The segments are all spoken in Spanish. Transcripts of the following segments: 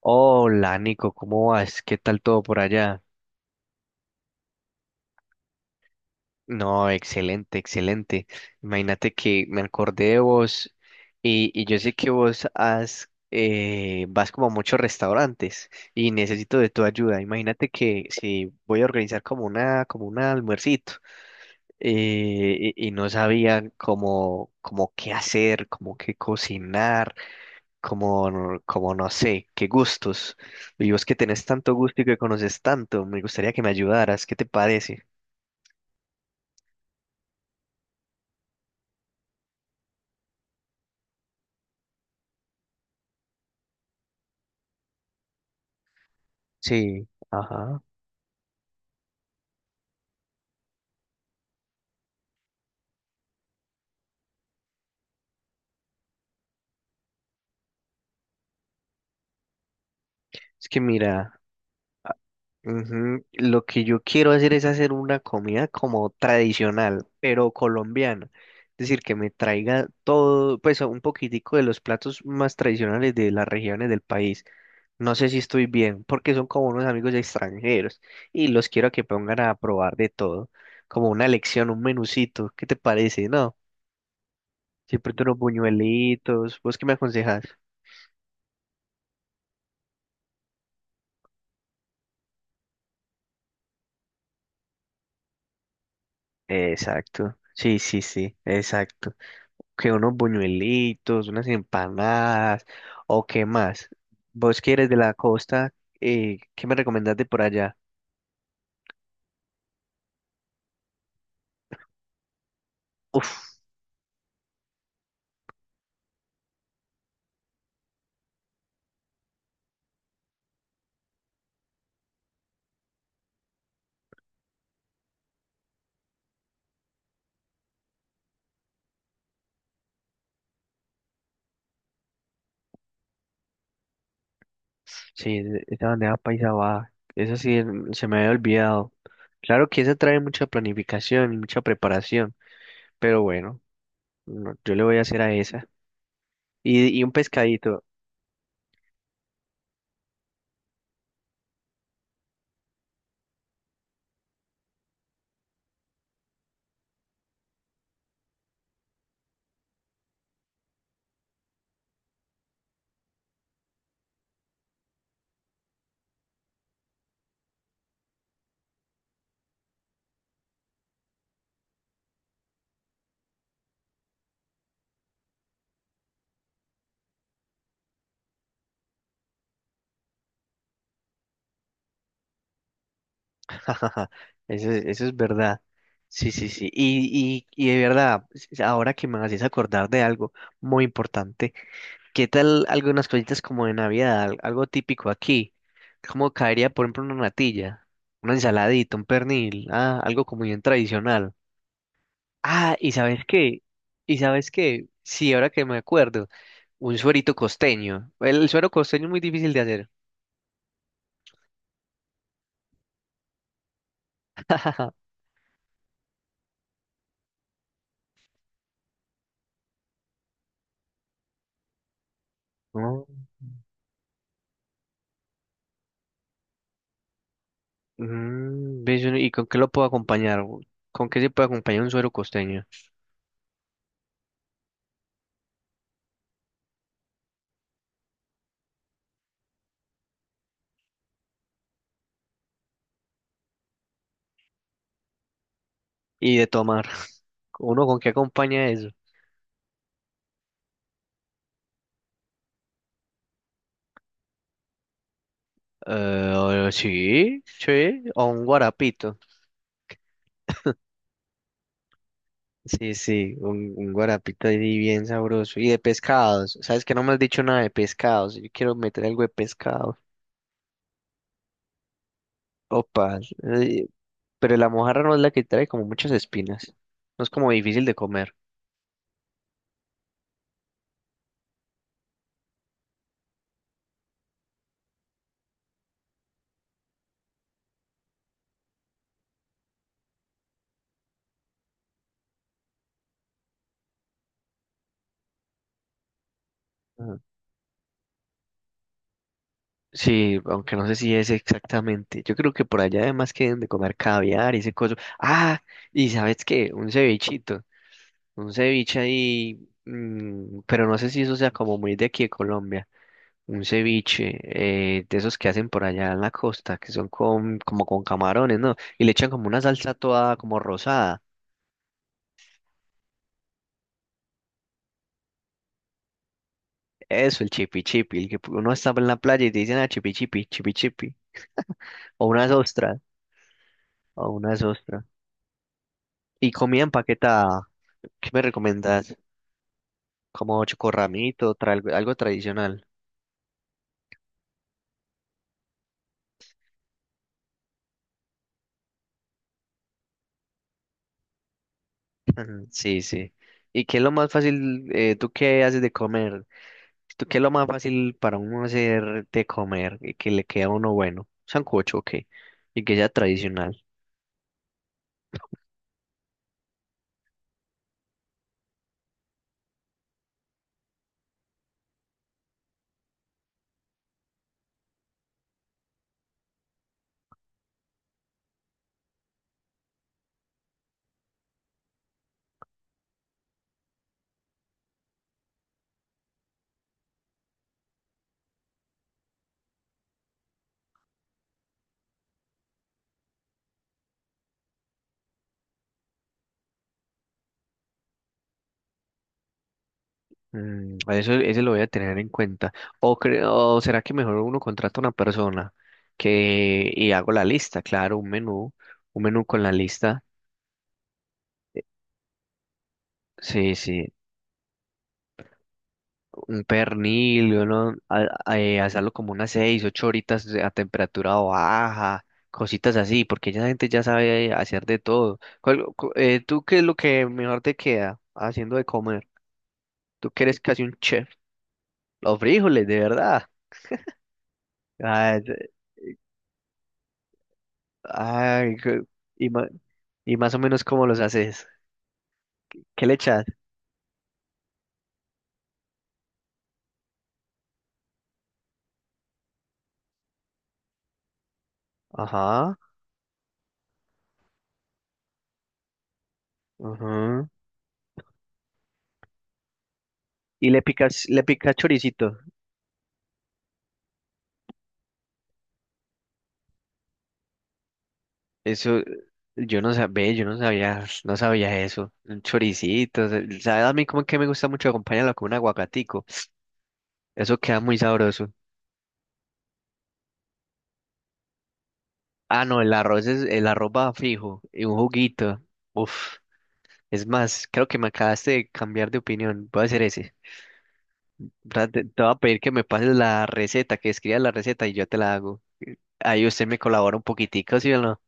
Hola Nico, ¿cómo vas? ¿Qué tal todo por allá? No, excelente, excelente. Imagínate que me acordé de vos y yo sé que vos has, vas como a muchos restaurantes y necesito de tu ayuda. Imagínate que si voy a organizar como una, como un almuercito, y no sabía cómo, cómo qué hacer, cómo qué cocinar. Como, como no sé, qué gustos. Y vos que tenés tanto gusto y que conoces tanto, me gustaría que me ayudaras, ¿qué te parece? Sí, ajá. Es que mira, ujú, lo que yo quiero hacer es hacer una comida como tradicional, pero colombiana. Es decir, que me traiga todo, pues un poquitico de los platos más tradicionales de las regiones del país. No sé si estoy bien, porque son como unos amigos extranjeros y los quiero que pongan a probar de todo, como una lección, un menucito. ¿Qué te parece? No, siempre tú unos buñuelitos. ¿Vos qué me aconsejas? Exacto. Sí, sí, sí, exacto. Que unos buñuelitos, unas empanadas, o qué más. ¿Vos quieres de la costa? ¿Qué me recomendás de por allá? Uf. Sí, esa bandeja paisa va. Eso sí se me había olvidado. Claro que esa trae mucha planificación y mucha preparación, pero bueno, no, yo le voy a hacer a esa. Y un pescadito. Eso, eso es verdad. Sí, sí, sí. Y de verdad, ahora que me haces acordar de algo muy importante, ¿qué tal algunas cositas como de Navidad? Algo típico aquí. Como caería, por ejemplo, una natilla, una ensaladita, un pernil, ah, algo como bien tradicional. Ah, ¿y sabes qué? ¿Y sabes qué? Sí, ahora que me acuerdo, un suerito costeño. El suero costeño es muy difícil de hacer. Oh. Mm, ¿ves? ¿Y con qué lo puedo acompañar? ¿Con qué se puede acompañar un suero costeño? Y de tomar. ¿Uno con qué acompaña eso? Sí, sí, o un guarapito. Sí, sí, un guarapito ahí bien sabroso. Y de pescados. ¿Sabes que no me has dicho nada de pescados? Yo quiero meter algo de pescado. Opa, pero la mojarra no es la que trae como muchas espinas. No es como difícil de comer. Ajá. Sí, aunque no sé si es exactamente. Yo creo que por allá además que deben de comer caviar y ese coso. Ah, ¿y sabes qué? Un cevichito. Un ceviche ahí. Mm, pero no sé si eso sea como muy de aquí de Colombia. Un ceviche, de esos que hacen por allá en la costa, que son con, como con camarones, ¿no? Y le echan como una salsa toda como rosada. Eso, el chipi chipi, el que uno está en la playa y te dicen, ah, chipi chipi, chipi chipi. O una ostra, o una ostra. Y comida empaquetada, ¿qué me recomiendas? Como chocorramito, algo, algo tradicional. Ujú, sí, sí. ¿Y qué es lo más fácil, tú qué haces de comer? ¿Tú qué es lo más fácil para uno hacer de comer y que le queda a uno bueno? Sancocho, ok. Y que sea tradicional. Mm, eso, ese lo voy a tener en cuenta. O, o será que mejor uno contrata a una persona que y hago la lista, claro, un menú con la lista. Sí, sí, un pernil, uno, hacerlo como unas seis, ocho horitas a temperatura baja, cositas así, porque ya la gente ya sabe hacer de todo. ¿Tú qué es lo que mejor te queda haciendo de comer? Tú que eres casi un chef. Los frijoles, de verdad. Ay, y, ma- y más o menos cómo los haces. ¿Qué le echas? Ajá, ajá. Y le picas choricito. Eso, yo no sabía, no sabía eso. Un choricito. ¿O sabes? A mí como que me gusta mucho acompañarlo con un aguacatico. Eso queda muy sabroso. Ah, no, el arroz va fijo y un juguito. Uf, es más, creo que me acabaste de cambiar de opinión. Voy a hacer ese. Te voy a pedir que me pases la receta, que escribas la receta y yo te la hago. Ahí usted me colabora un poquitico, ¿sí o no?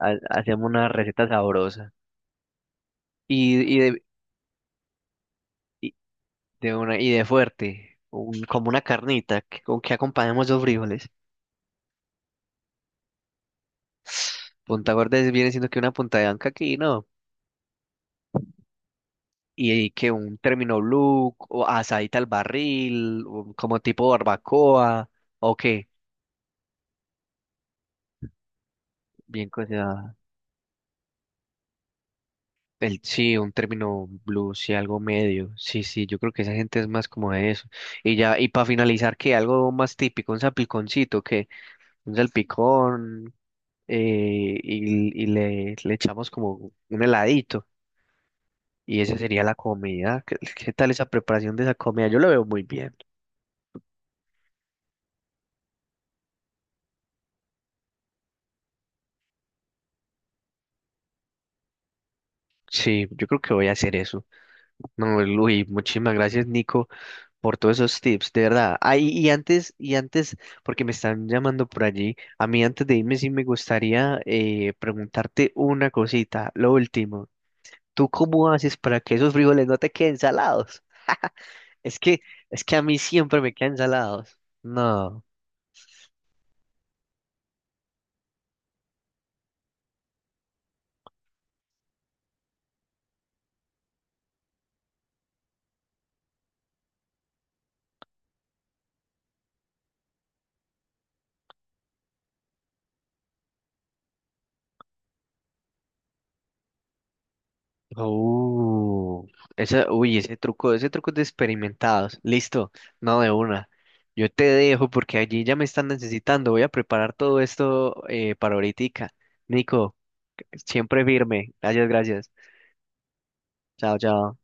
Hacemos una receta sabrosa. Y, y de, y de una, y de fuerte, como una carnita, con que acompañamos dos frijoles. Punta gorda viene siendo que una punta de anca aquí, ¿no? Y que un término blue, o asadita al barril, o como tipo barbacoa, o qué, bien cocinada. El, sí, un término blues, sí, algo medio. Sí, sí, yo creo que esa gente es más como de eso. Y ya, y para finalizar, ¿qué? Algo más típico, un salpiconcito, que un salpicón, y le echamos como un heladito. Y esa sería la comida. ¿Qué, qué tal esa preparación de esa comida? Yo lo veo muy bien. Sí, yo creo que voy a hacer eso. No, Luis, muchísimas gracias, Nico, por todos esos tips, de verdad. Ay, y antes, porque me están llamando por allí, a mí antes de irme sí me gustaría preguntarte una cosita, lo último. ¿Tú cómo haces para que esos frijoles no te queden salados? Es que, es que a mí siempre me quedan salados. No. Uh, esa, uy, ese truco es de experimentados. Listo, no de una. Yo te dejo porque allí ya me están necesitando. Voy a preparar todo esto, para ahoritica. Nico. Siempre firme. Gracias, gracias. Chao, chao.